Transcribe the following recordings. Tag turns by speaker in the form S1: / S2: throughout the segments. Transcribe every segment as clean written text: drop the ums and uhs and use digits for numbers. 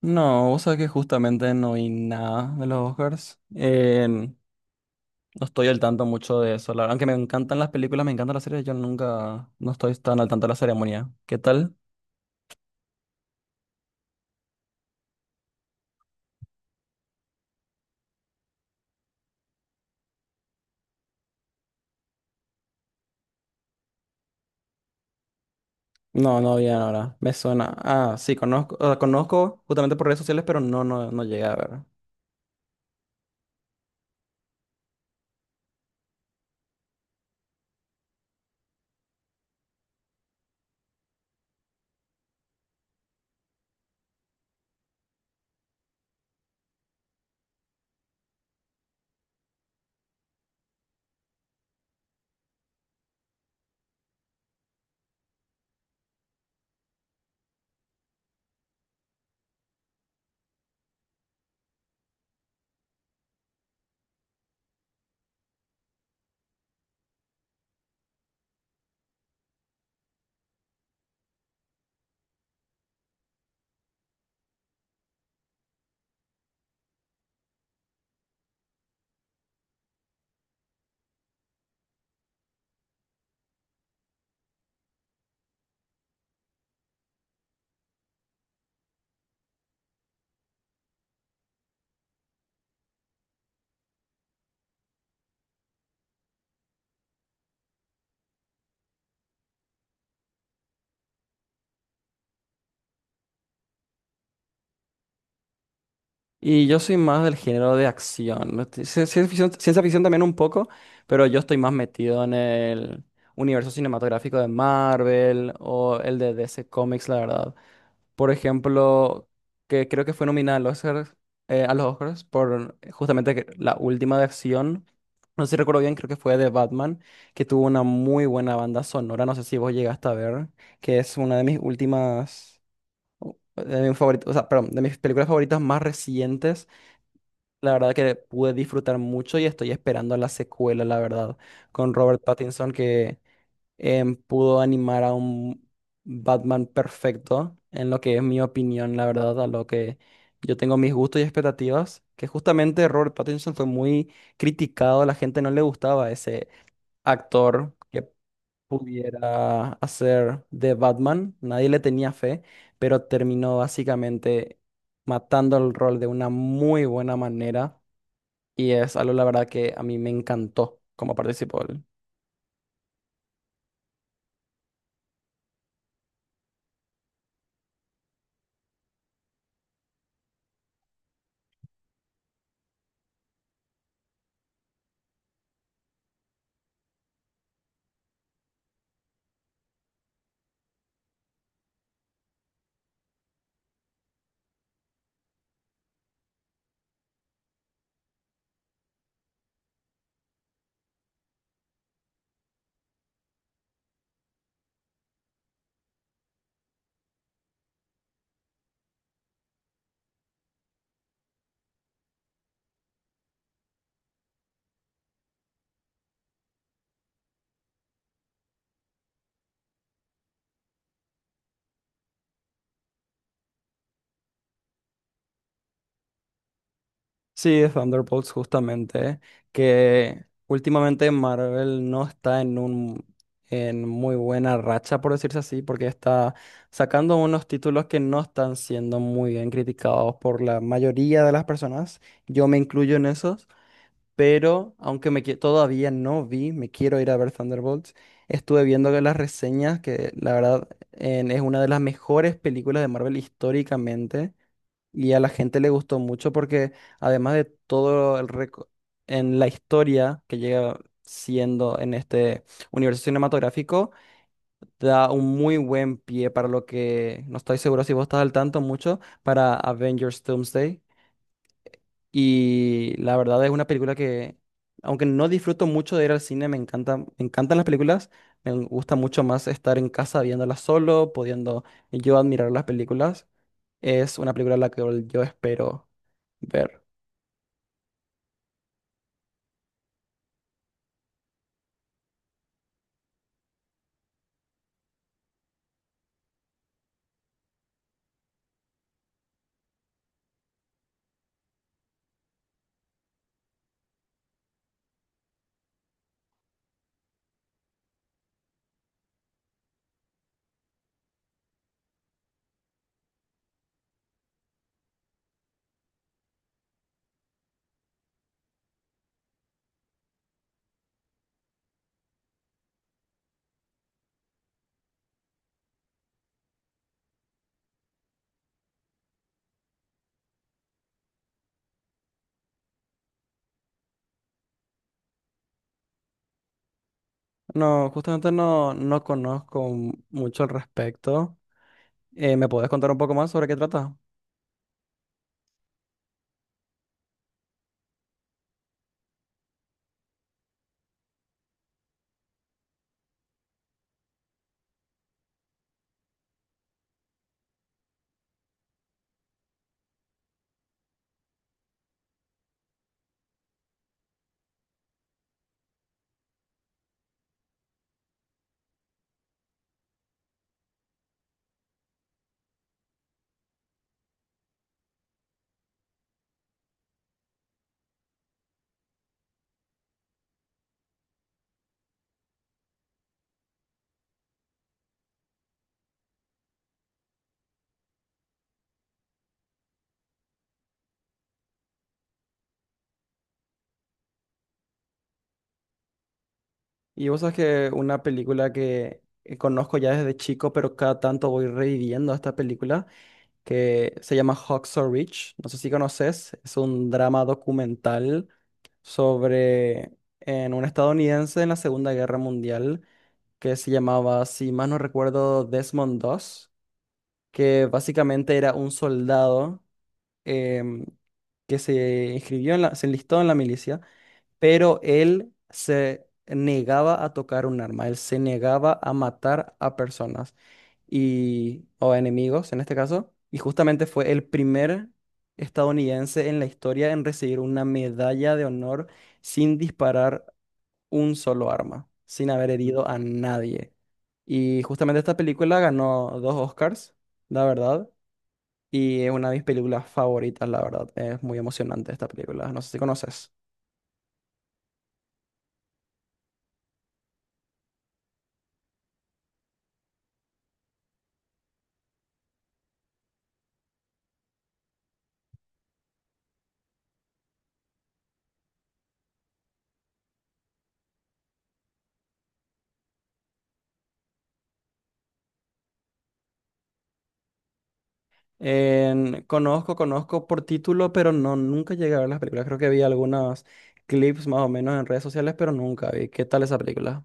S1: No, vos sabés que justamente no vi nada de los Oscars. No estoy al tanto mucho de eso. La verdad, aunque me encantan las películas, me encantan las series, yo nunca, no estoy tan al tanto de la ceremonia. ¿Qué tal? No, no vi ahora. Me suena. Ah, sí, conozco, conozco justamente por redes sociales, pero no llegué a ver. Y yo soy más del género de acción, ¿no? Ciencia ficción también un poco, pero yo estoy más metido en el universo cinematográfico de Marvel o el de DC Comics, la verdad. Por ejemplo, que creo que fue nominada al Oscar, a los Oscars por justamente que- la última de acción. No sé si recuerdo bien, creo que fue de Batman, que tuvo una muy buena banda sonora. No sé si vos llegaste a ver, que es una de mis últimas, de mis favoritos, o sea, perdón, de mis películas favoritas más recientes. La verdad que pude disfrutar mucho y estoy esperando la secuela, la verdad, con Robert Pattinson que pudo animar a un Batman perfecto, en lo que es mi opinión, la verdad, a lo que yo tengo mis gustos y expectativas, que justamente Robert Pattinson fue muy criticado, a la gente no le gustaba ese actor que pudiera hacer de Batman, nadie le tenía fe, pero terminó básicamente matando el rol de una muy buena manera, y es algo, la verdad, que a mí me encantó cómo participó él. Sí, Thunderbolts, justamente, que últimamente Marvel no está en un, en muy buena racha, por decirse así, porque está sacando unos títulos que no están siendo muy bien criticados por la mayoría de las personas. Yo me incluyo en esos. Pero aunque me, todavía no vi, me quiero ir a ver Thunderbolts. Estuve viendo que las reseñas, que la verdad es una de las mejores películas de Marvel históricamente, y a la gente le gustó mucho porque además de todo el en la historia que llega siendo en este universo cinematográfico, da un muy buen pie para lo que, no estoy seguro si vos estás al tanto mucho, para Avengers Doomsday. Y la verdad es una película que, aunque no disfruto mucho de ir al cine, me encanta, me encantan las películas. Me gusta mucho más estar en casa viéndolas solo, pudiendo yo admirar las películas. Es una película la que yo espero ver. No, justamente no, no conozco mucho al respecto. ¿Me podés contar un poco más sobre qué trata? Y vos sabes que una película que conozco ya desde chico, pero cada tanto voy reviviendo esta película, que se llama Hacksaw Ridge. No sé si conoces, es un drama documental sobre en un estadounidense en la Segunda Guerra Mundial que se llamaba, si más no recuerdo, Desmond Doss, que básicamente era un soldado em, que se inscribió en la, se enlistó en la milicia, pero él se negaba a tocar un arma, él se negaba a matar a personas y, o a enemigos en este caso, y justamente fue el primer estadounidense en la historia en recibir una medalla de honor sin disparar un solo arma, sin haber herido a nadie. Y justamente esta película ganó dos Oscars, la verdad. Y es una de mis películas favoritas, la verdad. Es muy emocionante esta película. No sé si conoces. Conozco, conozco por título, pero no, nunca llegué a ver las películas. Creo que vi algunos clips más o menos en redes sociales, pero nunca vi. ¿Qué tal esa película?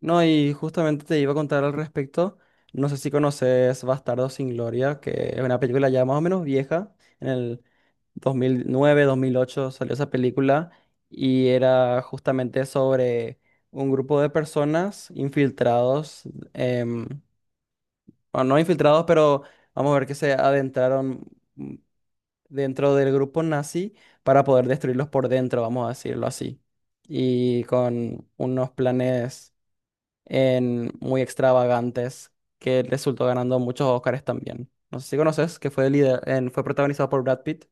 S1: No, y justamente te iba a contar al respecto. No sé si conoces Bastardo sin Gloria, que es una película ya más o menos vieja. En el 2009, 2008 salió esa película y era justamente sobre un grupo de personas infiltrados, em, bueno, no infiltrados, pero vamos a ver que se adentraron dentro del grupo nazi para poder destruirlos por dentro, vamos a decirlo así. Y con unos planes muy extravagantes que resultó ganando muchos Oscars también. No sé si conoces, que fue, fue protagonizado por Brad Pitt.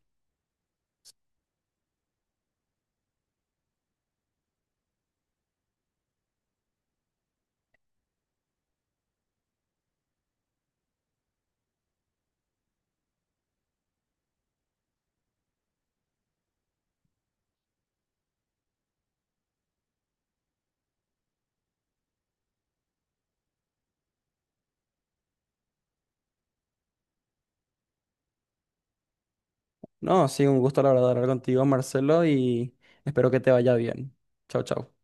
S1: No, sí, un gusto la verdad hablar contigo, Marcelo, y espero que te vaya bien. Chau, chau.